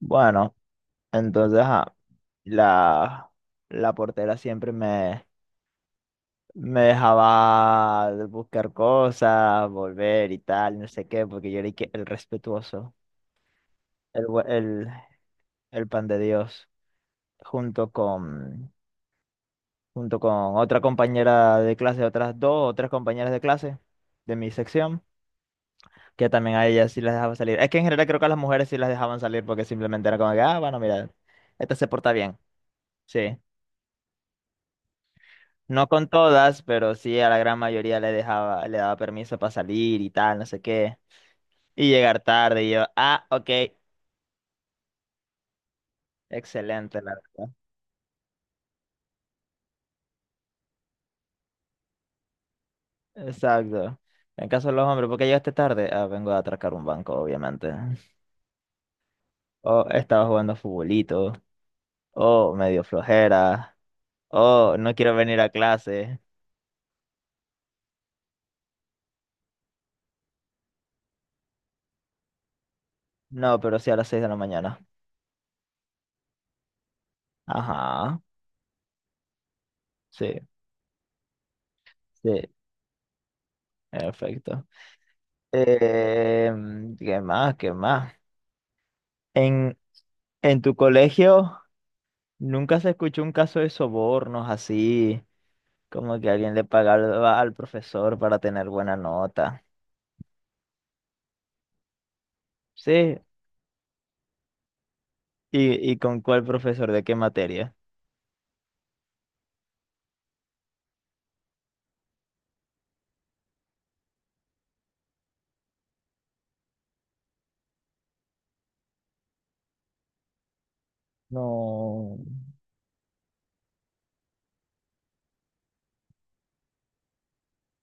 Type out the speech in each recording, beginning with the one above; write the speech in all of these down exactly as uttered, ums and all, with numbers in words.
Bueno, entonces, ajá, la, la portera siempre me, me dejaba buscar cosas, volver y tal, no sé qué, porque yo era y que el respetuoso, el, bu- el, el pan de Dios, junto con, junto con otra compañera de clase, otras dos o tres compañeras de clase de mi sección, que también a ellas sí las dejaba salir. Es que en general creo que a las mujeres sí las dejaban salir porque simplemente era como que, ah, bueno, mira, esta se porta bien, sí. No con todas, pero sí a la gran mayoría le dejaba, le daba permiso para salir y tal, no sé qué. Y llegar tarde y yo, ah, ok, excelente, la verdad. Exacto. En caso de los hombres, ¿por qué llegaste tarde? Ah, vengo a atracar un banco, obviamente. O estaba jugando futbolito, o medio flojera, o no quiero venir a clase. No, pero sí a las seis de la mañana. Ajá, sí, sí, perfecto. Eh, ¿Qué más? ¿Qué más? En, en tu colegio nunca se escuchó un caso de sobornos así, como que alguien le pagaba al profesor para tener buena nota. Sí, ¿y, y con cuál profesor de qué materia? No,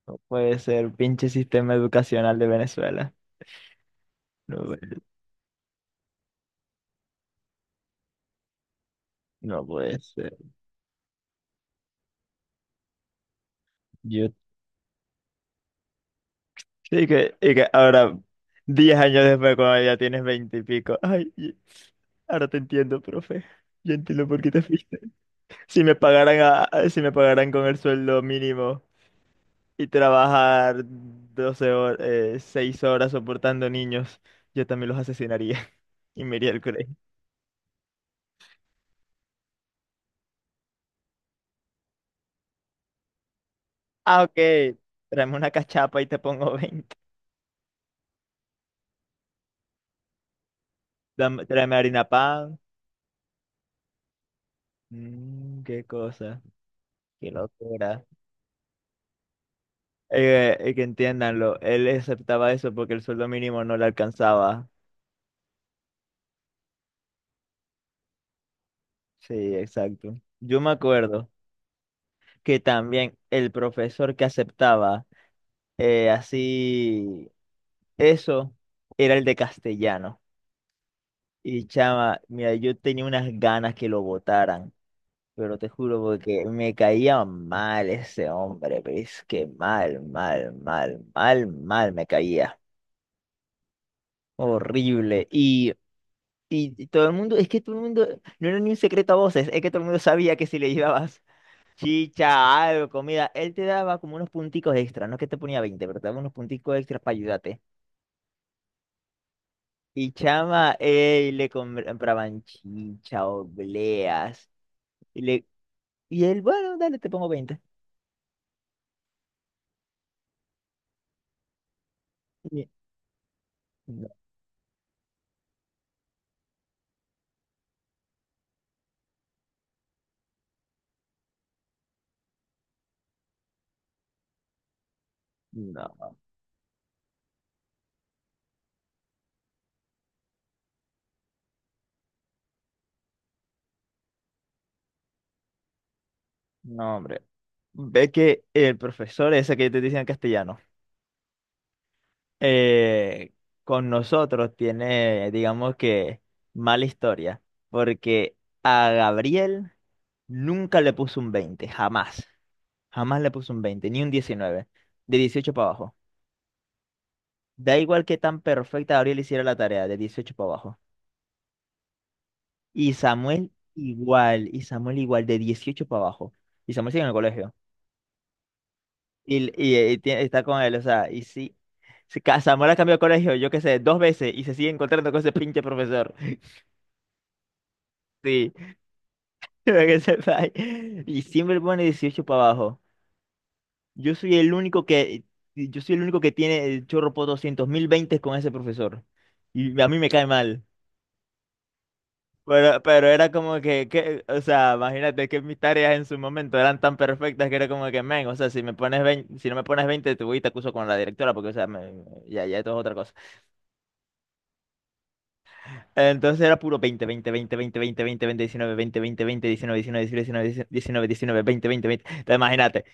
no puede ser, pinche sistema educacional de Venezuela. No, puede- no puede ser. Yo, y que, y que ahora, diez años después, cuando ya tienes veinte y pico, ay, y- ahora te entiendo, profe. Yo entiendo por qué te fui. Si me pagaran a- si me pagaran con el sueldo mínimo y trabajar doce horas, seis horas soportando niños, yo también los asesinaría y me iría al colegio. Ah, ok. Tráeme una cachapa y te pongo veinte. Dame- tráeme harina pan. Mm, qué cosa. Qué locura. Eh, eh, que entiéndanlo. Él aceptaba eso porque el sueldo mínimo no le alcanzaba. Sí, exacto. Yo me acuerdo que también el profesor que aceptaba, eh, así. Eso era el de castellano. Y, chama, mira, yo tenía unas ganas que lo votaran, pero te juro porque me caía mal ese hombre, pero que mal, mal, mal, mal, mal me caía. Horrible. Y, y y todo el mundo, es que todo el mundo, no era ni un secreto a voces, es que todo el mundo sabía que si le llevabas chicha, algo, comida, él te daba como unos punticos extra, no es que te ponía veinte pero te daba unos punticos extras para ayudarte. Y, chama, eh, le compraban chicha, obleas. Y, le, y él, bueno, dale, te pongo veinte. Y- no, no, no, hombre. Ve que el profesor ese que yo te decía en castellano, eh, con nosotros tiene, digamos que, mala historia. Porque a Gabriel nunca le puso un veinte jamás. Jamás le puso un veinte ni un diecinueve. De dieciocho para abajo. Da igual que tan perfecta Gabriel hiciera la tarea, de dieciocho para abajo. Y Samuel igual, y Samuel igual, de dieciocho para abajo. Y Samuel sigue en el colegio. Y, y, eh, tie- está con él, o sea, y sí. se ca- Samuel ha cambiado de colegio, yo qué sé, dos veces y se sigue encontrando con ese pinche profesor. Sí, para que sepáis. Y siempre pone dieciocho para abajo. Yo soy el único que, yo soy el único que tiene el chorro por doscientos mil veinte con ese profesor. Y a mí me cae mal. Pero, pero era como que, que, o sea, imagínate que mis tareas en su momento eran tan perfectas que era como que, men, o sea, si me pones veinte, si no me pones veinte, te voy y te acuso con la directora, porque, o sea, me- ya, ya, esto es otra cosa. Entonces era puro veinte, veinte, veinte, veinte, veinte, veinte, 20, diecinueve, veinte, veinte, 20, diecinueve, diecinueve, diecinueve, diecinueve, 19, diecinueve, veinte, 20, veinte. Entonces imagínate,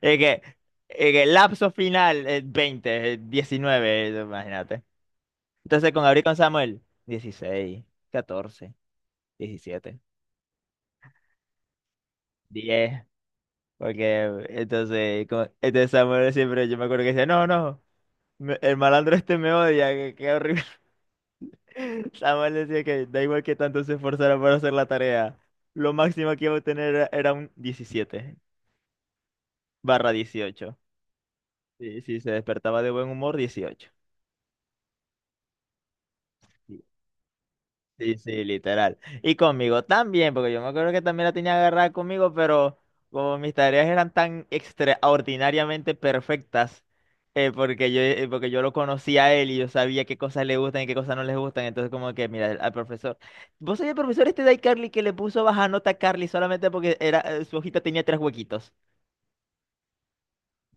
es que, es que el lapso final es veinte, es diecinueve, eh, imagínate. Entonces con Gabriel y con Samuel, dieciséis, catorce, diecisiete, diez. Porque entonces, como- este Samuel siempre, yo me acuerdo que decía, no, no, me- el malandro este me odia, que qué horrible. Samuel decía que da igual que tanto se esforzara por hacer la tarea, lo máximo que iba a obtener era, era un diecisiete barra dieciocho. Sí, sí, se despertaba de buen humor, dieciocho. Sí, sí, literal. Y conmigo también, porque yo me acuerdo que también la tenía agarrada conmigo, pero como mis tareas eran tan extraordinariamente perfectas, eh, porque yo, eh, porque yo lo conocía a él y yo sabía qué cosas le gustan y qué cosas no les gustan, entonces como que, mira, al profesor, ¿vos sois el profesor este de iCarly que le puso baja nota a Carly solamente porque era, eh, su hojita tenía tres huequitos?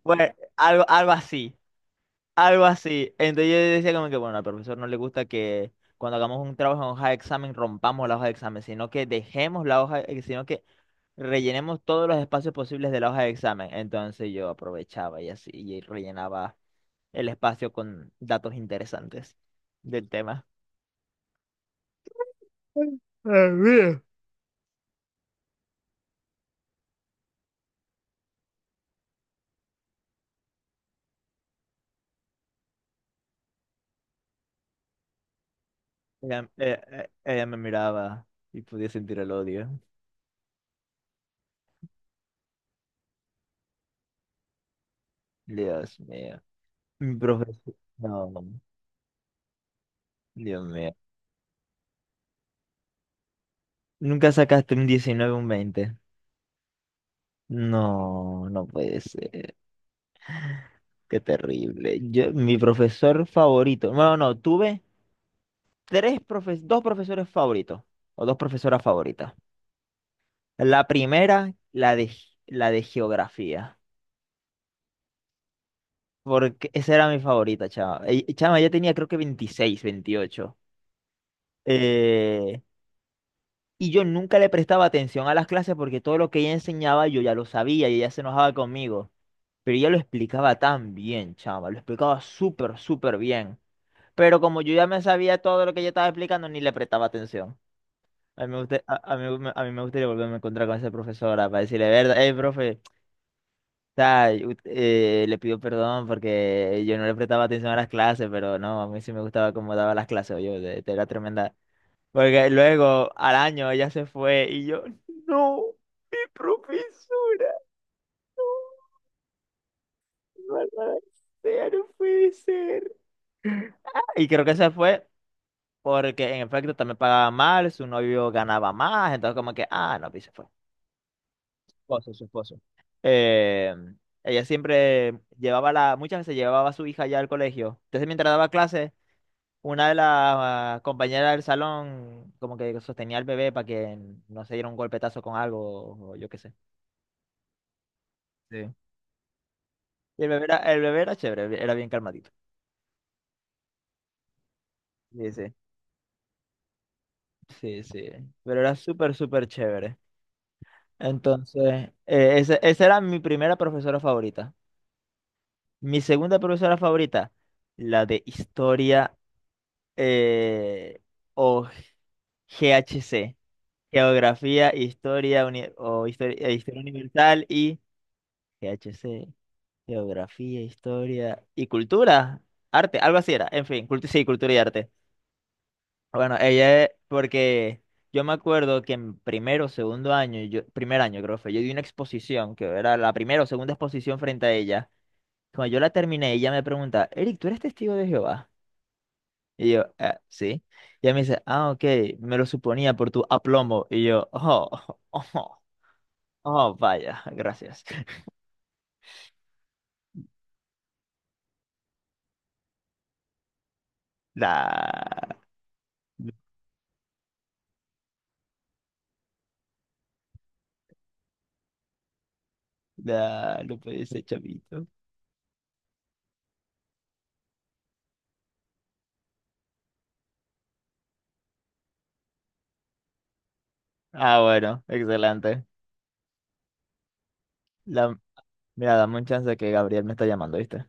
Bueno, algo, algo así. Algo así. Entonces yo decía como que, bueno, al profesor no le gusta que cuando hagamos un trabajo en hoja de examen rompamos la hoja de examen, sino que dejemos la hoja, eh, sino que rellenemos todos los espacios posibles de la hoja de examen. Entonces yo aprovechaba y así, y rellenaba el espacio con datos interesantes del tema. Ah, mira. Ella, eh, eh, ella me miraba y podía sentir el odio. Dios mío. Mi profesor. No, Dios mío. ¿Nunca sacaste un diecinueve o un veinte? No, no puede ser. Qué terrible. Yo, mi profesor favorito. Bueno, no, tuve tres profes, dos profesores favoritos o dos profesoras favoritas. La primera, la de, ge- la de geografía, porque esa era mi favorita, chama. Eh, Chama, ya tenía creo que veintiséis, veintiocho. Eh, y yo nunca le prestaba atención a las clases porque todo lo que ella enseñaba yo ya lo sabía y ella se enojaba conmigo. Pero ella lo explicaba tan bien, chama, lo explicaba súper, súper bien. Pero como yo ya me sabía todo lo que ella estaba explicando, ni le prestaba atención. A mí me gusta, a, a mí, me- a mí me gustaría volverme a encontrar con esa profesora para decirle, verdad, hey, profe, o sea, yo, eh, le pido perdón porque yo no le prestaba atención a las clases, pero no, a mí sí me gustaba cómo daba las clases, yo era tremenda. Porque luego, al año, ella se fue y yo, no, mi profesora, maldita sea, no, no puede ser. Y creo que esa fue. Porque en efecto también pagaba mal, su novio ganaba más, entonces como que, ah, no, pues se fue. Esposo, su esposo. Eh, Ella siempre llevaba la, muchas veces llevaba a su hija ya al colegio. Entonces mientras daba clases, una de las, ah, compañeras del salón como que sostenía al bebé para que no se diera un golpetazo con algo, o yo qué sé. Sí. Y el bebé era, el bebé era chévere, era bien calmadito. Sí, sí, sí, sí. Pero era súper, súper chévere. Entonces, eh, ese- esa era mi primera profesora favorita. Mi segunda profesora favorita, la de historia, eh, o G H C, Geografía, Historia, Uni- o historia, historia Universal, y G H C, Geografía, Historia y Cultura, Arte, algo así era, en fin, cultu- sí, Cultura y Arte. Bueno, ella, es- porque yo me acuerdo que en primero o segundo año, yo, primer año creo que fue, yo di una exposición, que era la primera o segunda exposición frente a ella. Cuando yo la terminé, ella me pregunta, Eric, ¿tú eres testigo de Jehová? Y yo, eh sí. Y ella me dice, ah, ok, me lo suponía por tu aplomo. Y yo, oh, oh, oh, vaya, gracias. La, la, lo pediste, chavito. Ah, bueno, excelente. La, Mira, dame un chance que Gabriel me está llamando, ¿viste?